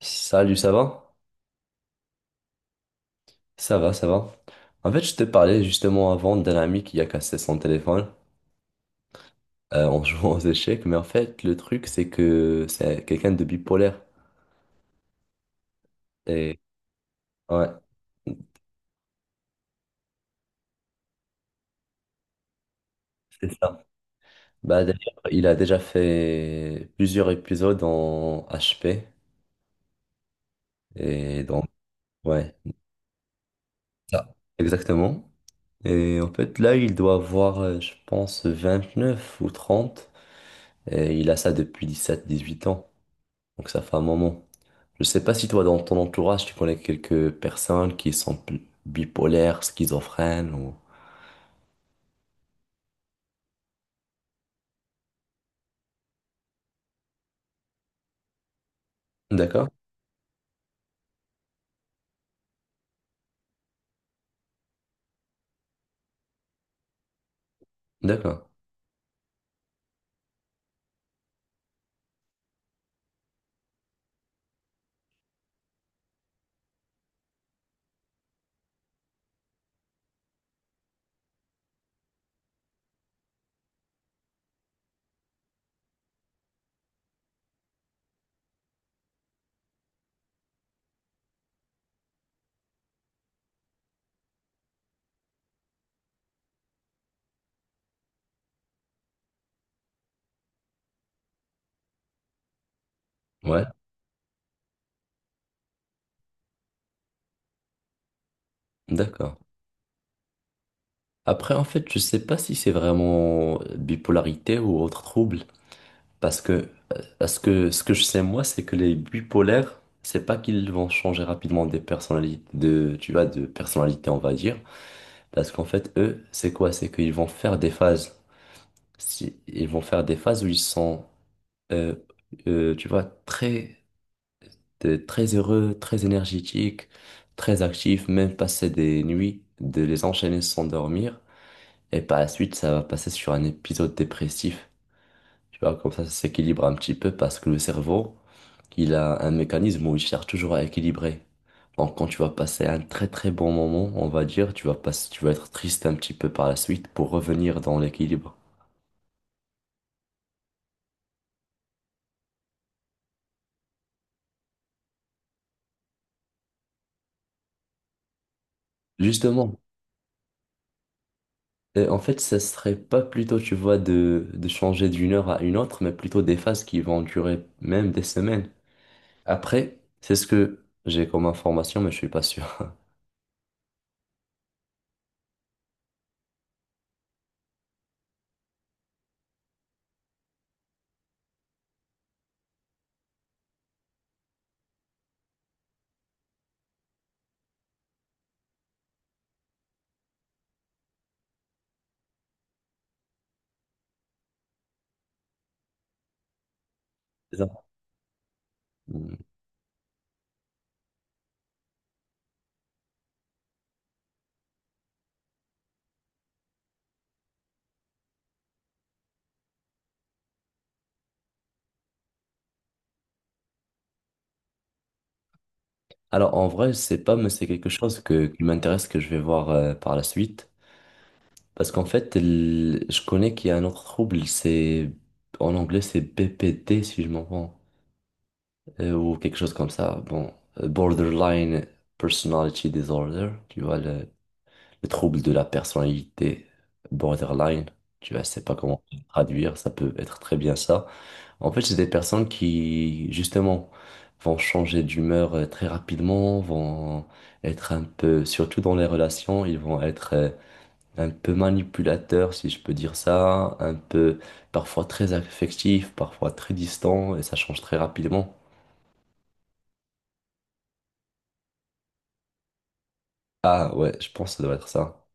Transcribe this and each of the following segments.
Salut, ça va? Ça va, ça va. En fait, je te parlais justement avant d'un ami qui a cassé son téléphone en jouant aux échecs, mais en fait, le truc, c'est que c'est quelqu'un de bipolaire. Et ouais, c'est ça. Bah, d'ailleurs, il a déjà fait plusieurs épisodes en HP. Et donc, ouais, ça, exactement. Et en fait, là, il doit avoir, je pense, 29 ou 30. Et il a ça depuis 17 18 ans. Donc ça fait un moment. Je sais pas si toi, dans ton entourage, tu connais quelques personnes qui sont bipolaires, schizophrènes ou... D'accord, d'accord. Ouais, d'accord. Après, en fait, je sais pas si c'est vraiment bipolarité ou autre trouble. Parce que ce que je sais moi, c'est que les bipolaires, c'est pas qu'ils vont changer rapidement des personnalités, de, tu vois, de personnalité, on va dire. Parce qu'en fait, eux, c'est quoi? C'est qu'ils vont faire des phases. Si, ils vont faire des phases où ils sont euh, tu vois, t'es très heureux, très énergétique, très actif, même passer des nuits, de les enchaîner sans dormir. Et par la suite, ça va passer sur un épisode dépressif. Tu vois, comme ça s'équilibre un petit peu parce que le cerveau, il a un mécanisme où il cherche toujours à équilibrer. Donc, quand tu vas passer un très très bon moment, on va dire, tu vas passer, tu vas être triste un petit peu par la suite pour revenir dans l'équilibre. Justement, en fait, ce serait pas plutôt, tu vois, de changer d'une heure à une autre, mais plutôt des phases qui vont durer même des semaines. Après, c'est ce que j'ai comme information, mais je suis pas sûr. C'est ça. Mm. Alors, en vrai, je sais pas, mais c'est quelque chose qui m'intéresse, que je vais voir par la suite. Parce qu'en fait, je connais qu'il y a un autre trouble, c'est, en anglais, c'est BPD, si je m'en rends, ou quelque chose comme ça. Bon, Borderline Personality Disorder, tu vois, le trouble de la personnalité borderline, tu vois, je sais pas comment traduire, ça peut être très bien ça. En fait, c'est des personnes qui, justement, vont changer d'humeur très rapidement, vont être un peu, surtout dans les relations, ils vont être un peu manipulateurs, si je peux dire ça, un peu, parfois très affectifs, parfois très distants, et ça change très rapidement. Ah ouais, je pense que ça doit être ça.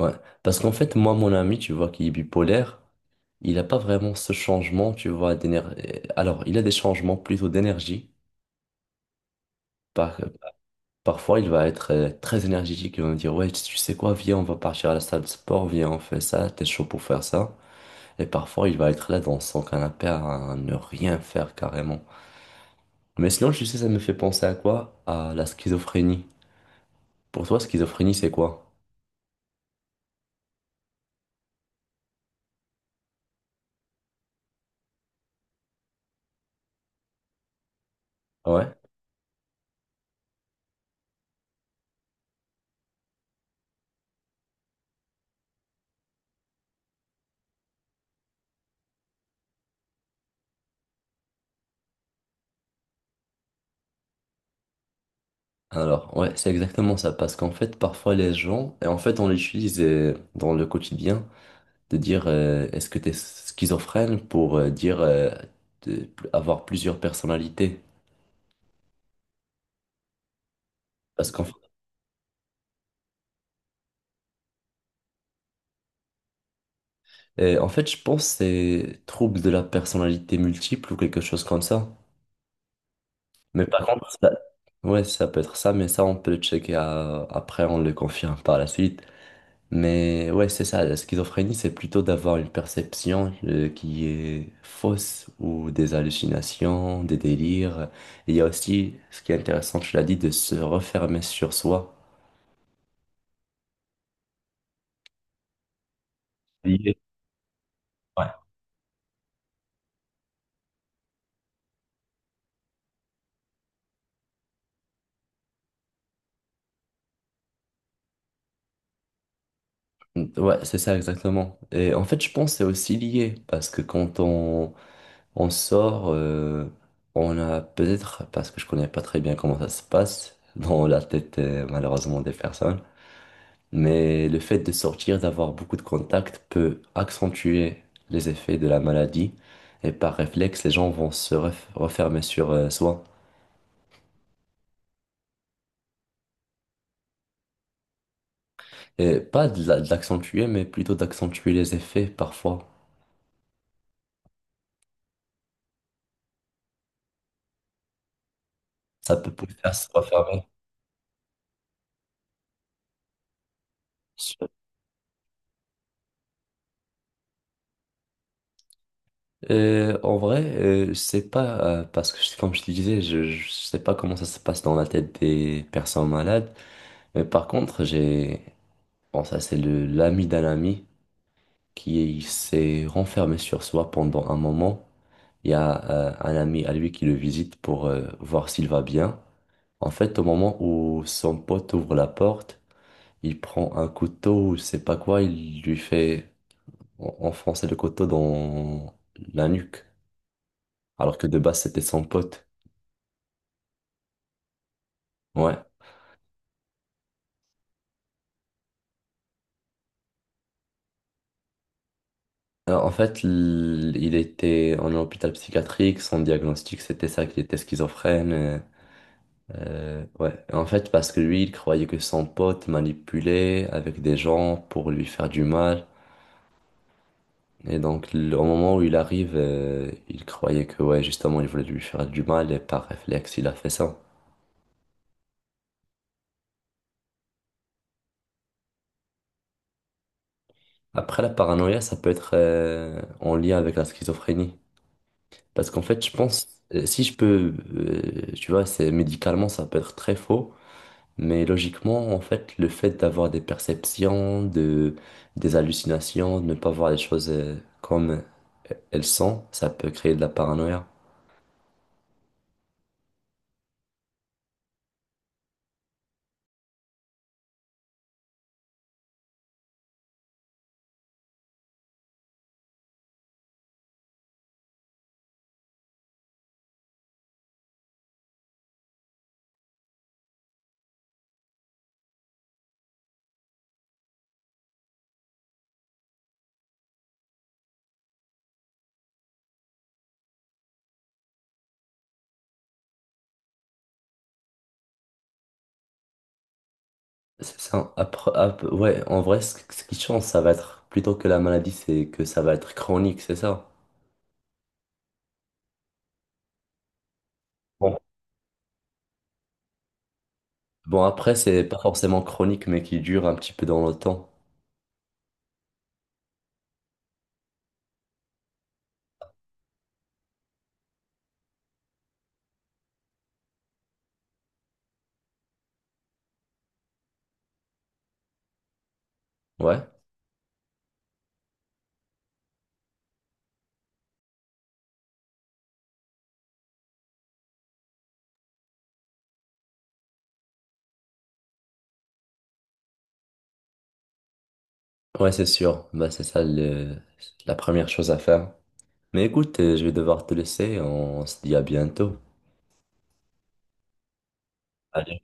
Ouais. Parce qu'en fait, moi, mon ami, tu vois, qui est bipolaire, il n'a pas vraiment ce changement, tu vois, d'énergie. Alors, il a des changements plutôt d'énergie. Par- Parfois, il va être très énergétique. Il va me dire, ouais, tu sais quoi, viens, on va partir à la salle de sport, viens, on fait ça, t'es chaud pour faire ça. Et parfois, il va être là dans son canapé à ne rien faire carrément. Mais sinon, tu sais, ça me fait penser à quoi? À la schizophrénie. Pour toi, schizophrénie, c'est quoi? Ouais. Alors, ouais, c'est exactement ça, parce qu'en fait, parfois les gens, et en fait, on l'utilise dans le quotidien, de dire est-ce que tu es schizophrène pour dire avoir plusieurs personnalités. Parce qu'en en fait, je pense que c'est trouble de la personnalité multiple ou quelque chose comme ça. Mais par contre, ça, ouais, ça peut être ça, mais ça, on peut le checker après, on le confirme par la suite. Mais ouais, c'est ça, la schizophrénie, c'est plutôt d'avoir une perception qui est fausse ou des hallucinations, des délires. Et il y a aussi, ce qui est intéressant, tu l'as dit, de se refermer sur soi. Lié. Ouais. Ouais, c'est ça exactement. Et en fait, je pense que c'est aussi lié parce que quand on sort, on a peut-être, parce que je connais pas très bien comment ça se passe dans la tête malheureusement des personnes, mais le fait de sortir, d'avoir beaucoup de contacts peut accentuer les effets de la maladie et par réflexe, les gens vont se refermer sur soi. Et pas de de l'accentuer, mais plutôt d'accentuer les effets parfois. Ça peut pousser à se refermer. En vrai, je sais pas, parce que comme je te disais, je sais pas comment ça se passe dans la tête des personnes malades. Mais par contre, j'ai, bon, ça c'est le l'ami d'un ami qui s'est renfermé sur soi pendant un moment. Il y a un ami à lui qui le visite pour voir s'il va bien. En fait, au moment où son pote ouvre la porte, il prend un couteau ou je sais pas quoi, il lui fait enfoncer le couteau dans la nuque, alors que de base c'était son pote. Ouais. Alors, en fait, il était en hôpital psychiatrique. Son diagnostic, c'était ça, qu'il était schizophrène. Ouais. En fait, parce que lui, il croyait que son pote manipulait avec des gens pour lui faire du mal. Et donc, au moment où il arrive, il croyait que, ouais, justement, il voulait lui faire du mal et par réflexe, il a fait ça. Après, la paranoïa, ça peut être en lien avec la schizophrénie. Parce qu'en fait, je pense, si je peux, tu vois, c'est médicalement, ça peut être très faux. Mais logiquement, en fait, le fait d'avoir des perceptions, de, des hallucinations, de ne pas voir les choses comme elles sont, ça peut créer de la paranoïa. C'est ça. Après, ouais, en vrai, ce qui change, ça va être plutôt que la maladie, c'est que ça va être chronique, c'est ça. Bon, bon après, c'est pas forcément chronique, mais qui dure un petit peu dans le temps. Ouais, ouais, c'est sûr. Bah, c'est ça la première chose à faire. Mais écoute, je vais devoir te laisser. On se dit à bientôt. Allez.